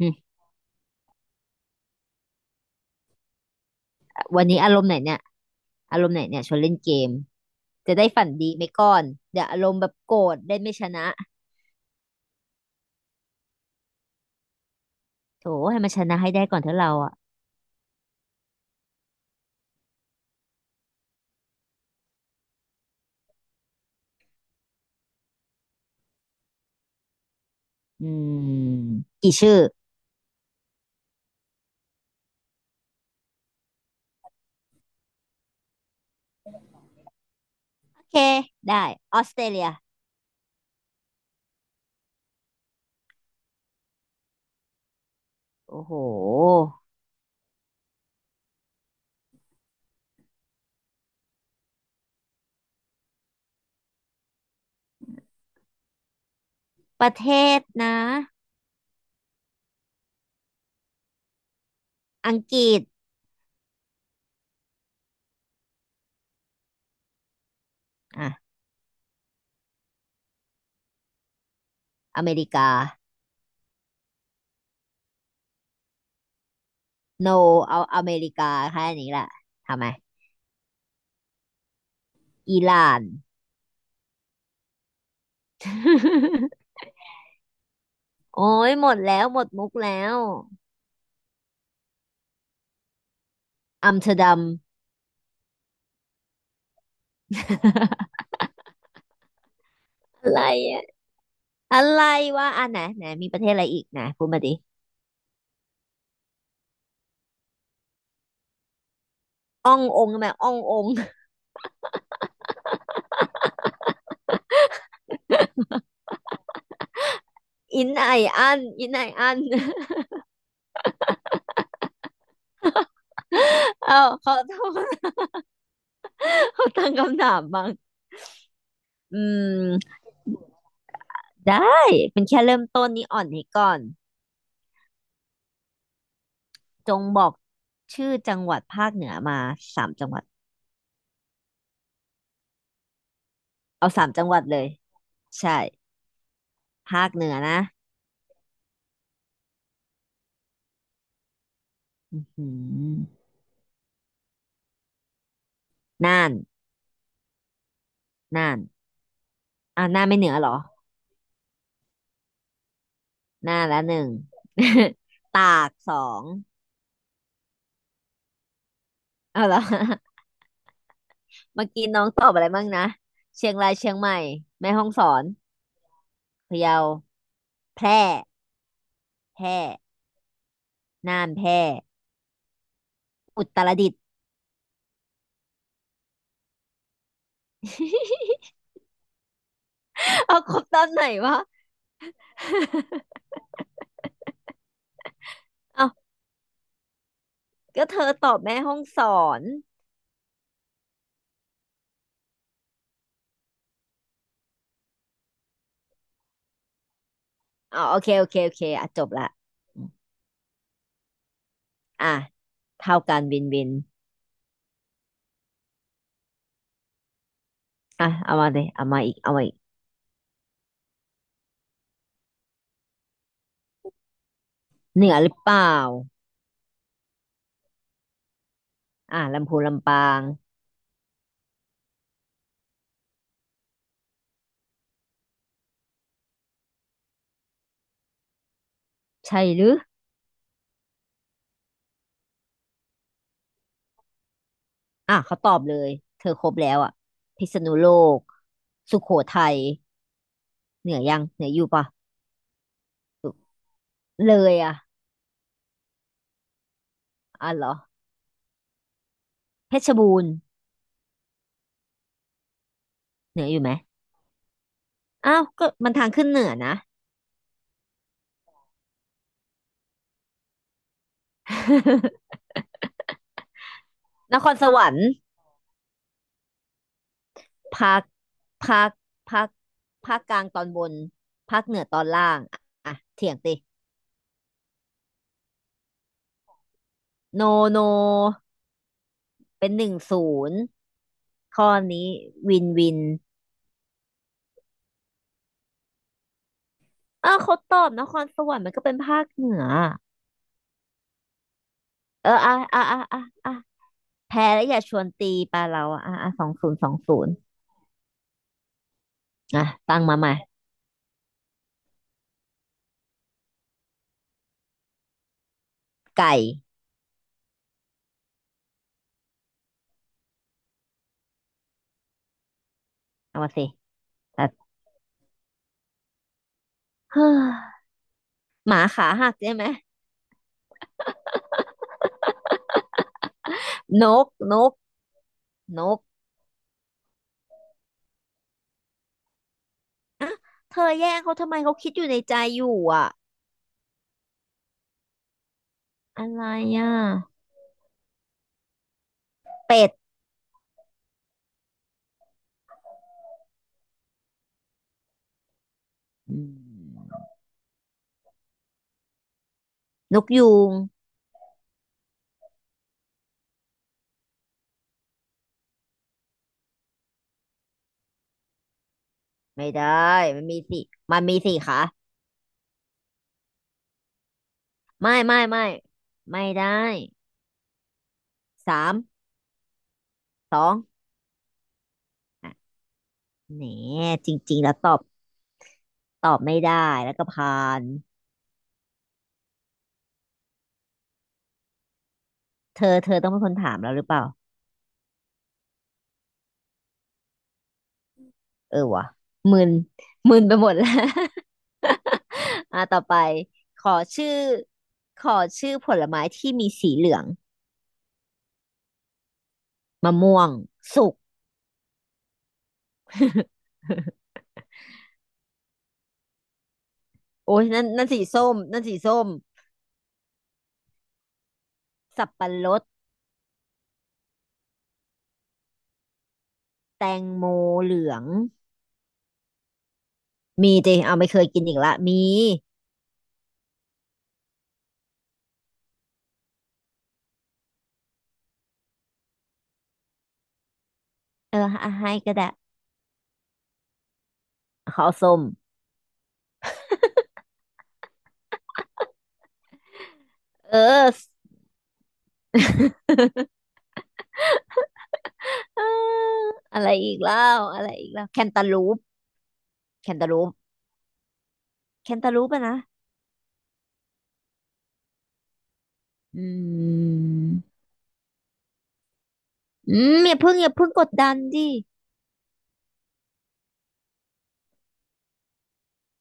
อืมวันนี้อารมณ์ไหนเนี่ยอารมณ์ไหนเนี่ยชวนเล่นเกมจะได้ฝันดีไหมก่อนเดี๋ยวอารมณ์แบบโกรธได้ไม่ชนะโถให้มันชนะให้ได้ก่อนเถอะเราอ่ะอืมกี่ชื่อโอเคได้ออสเตรเลียโอ้โหประเทศนะอังกฤษอ่ะอเมริกาโนเอาอเมริกาแค่นี้แหละทำไมอิหร่าน โอ้ยหมดแล้วหมดมุกแล้วอัมสเตอร์ดัม อะไรอะอะไรวะอ่ะไหนไหนมีประเทศอะไรอีกนะพูดมาดิ อ่ององค์แบบอ่ององค์อินไออันเอาเขาต้องเขาตั้งคำถามบ้างอืมได้เป็นแค่เริ่มต้นนี้อ่อนให้ก่อนจงบอกชื่อจังหวัดภาคเหนือมาสามจังหวัดเอาสามจังหวัดเลยใช่ภาคเหนือนะอืมน่านน่านอ่าน่านไม่เหนือเหรอน่านละหนึ่ง ตากสองเอาละ เมื่อกี้น้องตอบอะไรบ้างนะเชียงรายเชียงใหม่แม่ฮ่องสอนพะเยา แพร่แพร่น่านแพร่อุตรดิตถ์ เอาครบตอนไหนวะเอาก็เธอตอบแม่ห้องสอนอ๋อโอเคโอเคโอเคอ่ะจบละอมอ่ะเท่ากันวินวินอ่ะเอามาเลยเอามาอีกเอามาอีกเหนือหรือเปล่าอ่ะลำพูนลำปางใช่หรืออ่ะเขาตอบเลยเธอครบแล้วอ่ะพิษณุโลกสุโขทัยเหนือยังเหนืออยู่ปะเลยอ่ะอ่ะเหรอเพชรบูรณ์เหนืออยู่ไหมอ้าวก็มันทางขึ้นเหนือนะ นครสวรรค์ภาคภาคภาคกลางตอนบนภาคเหนือตอนล่างอ่ะอ่ะเถียงติโนโนเป็นหนึ่งศูนย์ข้อนี้วินวินอ้าวเขาตอบนครสวรรค์มันก็เป็นภาคเหนือเอออ่ะแพ้แล้วอย่าชวนตีปลาเราอ่ะสองศูนย์สองศูนย์อ่ะตั้งมาใหม่ไก่เอามาสิแต่เฮ้อ หมาขาหักใช่ไหมนกนกนก เธอแย่งเขาทำไมเขาคิดอยู่ในใจอยู่อ่ะอะไรอ่ะเป็ดอืมนกยูงไม่ได้มันมีสี่มันมีสี่ขาไม่ไม่ได้สามสองอ่ะแหนจริงๆแล้วตอบไม่ได้แล้วก็ผ่านเธอต้องเป็นคนถามเราหรือเปล่าเออวะมึนไปหมดแล้ว อ่ะต่อไปขอชื่อขอชื่อผลไม้ที่มีสีเหลือง มะม่วงสุก โอ้ยนั่นสีส้มสับปะรดแตงโมเหลืองมีจริงเอาไม่เคยกินอีกละมีเอออ่ะให้ก็ได้ขอเอาส้มเออเอออะไรอีกแล้วอะไรอีกแล้วแคนตาลูปแคนตาลูปแคนตาลูปอะนะอืมอย่าเพิ่งกดดันดิ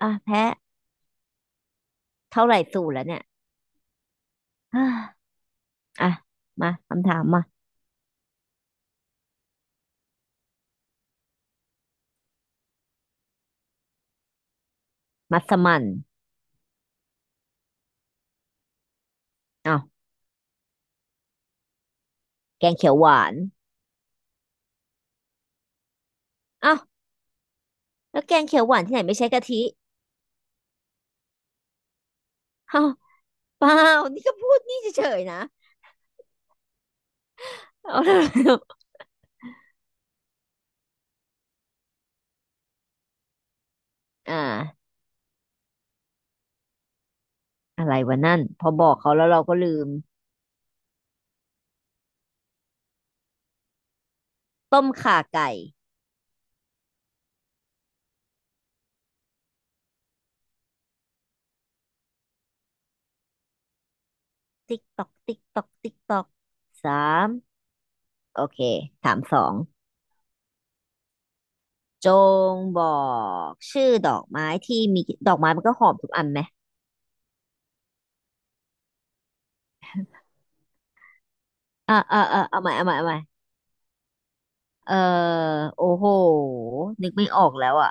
อ่ะแพ้เท่าไหร่สูตรแล้วเนี่ยอ่าอ่ะมาคำถามมามัสมั่นอ้าวแกงเขียวหวานอ้าว แล้วแกงเขียวหวานที่ไหนไม่ใช้กะทิ เอ้าเปล่านี่ก็พูดนี่เฉยๆนะเอาแล้ว อ่าอะไรวะนั่นพอบอกเขาแล้วเราก็ลืมต้มข่าไก่ติ๊กตอกติ๊กตอกติ๊กตอกสามโอเคถามสองจงบอกชื่อดอกไม้ที่มีดอกไม้มันก็หอมทุกอันไหมเอาใหม่เออโอ้โหนึกไม่ออกแล้วอ่ะ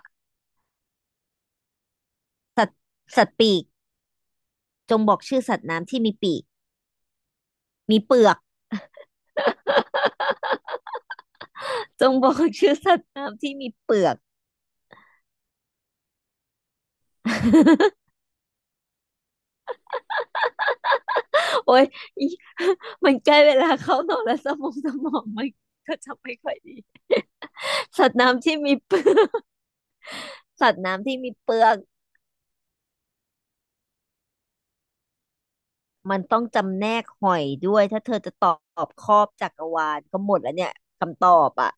สัตว์ปีกจงบอกชื่อสัตว์น้ำที่มีปีกมีเปลือก จงบอกชื่อสัตว์น้ำที่มีเปลือกโอ้ยอีมันใกล้เวลาเข้านอนแล้วสมองมันก็จะไม่ค่อยดีสัตว์น้ำที่มีเปลือกสัตว์น้ำที่มีเปลือกมันต้องจำแนกหอยด้วยถ้าเธอจะตอบครอบจักรวาลก็หมดแล้วเนี่ยคำตอบอ่ะ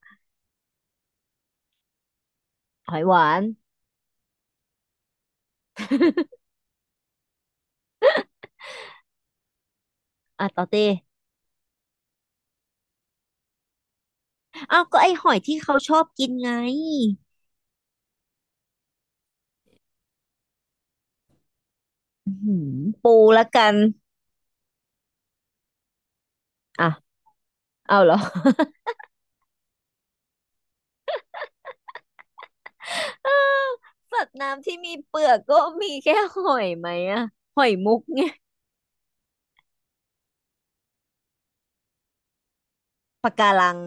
หอยหวานอ่ะต่อเต้อ้าวก็ไอหอยที่เขาชอบกินไงอื้อหือปูละกันอ่ะเอาเหรอ อ้าว สัตว์น้ำที่มีเปลือกก็มีแค่หอยไหมอะหอยมุกไง ปะการัง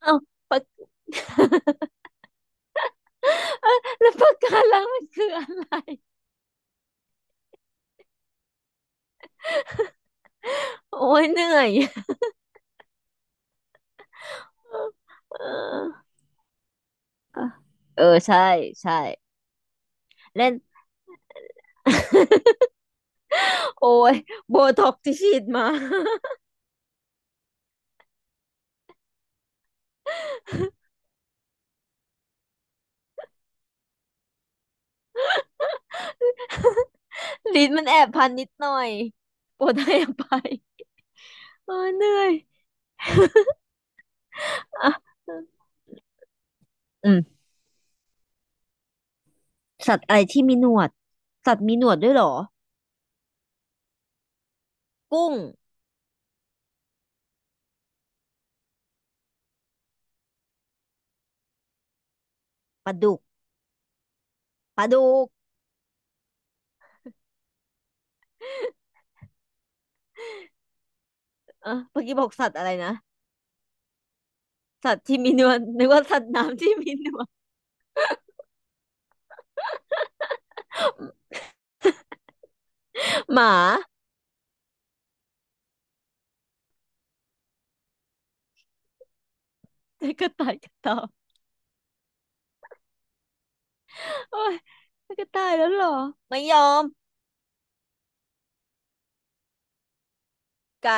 เอาปากเอ้ยแล้วปากการังมันคืออะไรโอ้ยเหนื่อยเอออ่ะเออใช่ ใช่เล่นโอ้ยโบท็อกที่ฉีดมา ลิ้นมันแอบพันนิดหน่อยโปรดให้อภัยเออเหนื่อยอ่ะอืมสัตว์อะไรที่มีหนวดสัตว์มีหนวดด้วยเหรอ กุ้งปลาดุกปลาดุกเอะเมื่อกี้บอกสัตว์อะไรนะสัตว์ที่มีหนวดนึกว่าสัตว์น้ำที่มีหนวดหมาแต่กระต่ายกระเต่า โอ้ยมันกะตายแล้วเหรอไม่ยอมไก่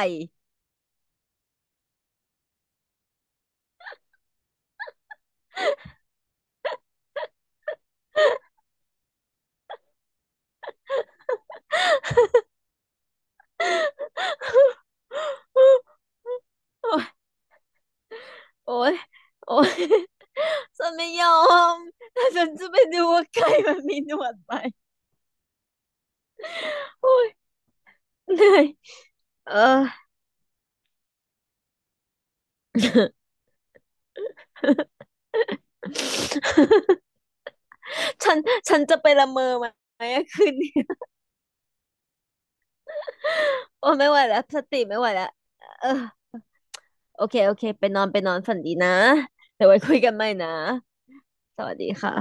โอ้ยโอ้ยโอ้ยฉันไม่ยอมแต่ฉันจะไปดูว่าไก่มันมีหนวดไหมโอ้ยเหนื่อยเออฉันจะไปละเมอไหมอะคืนนี้โอ้ไม่ไหวแล้วสติไม่ไหวแล้วเออโอเคไปนอนฝันดีนะเดี๋ยวไว้คุยกันใหม่นะสวัสดีค่ะ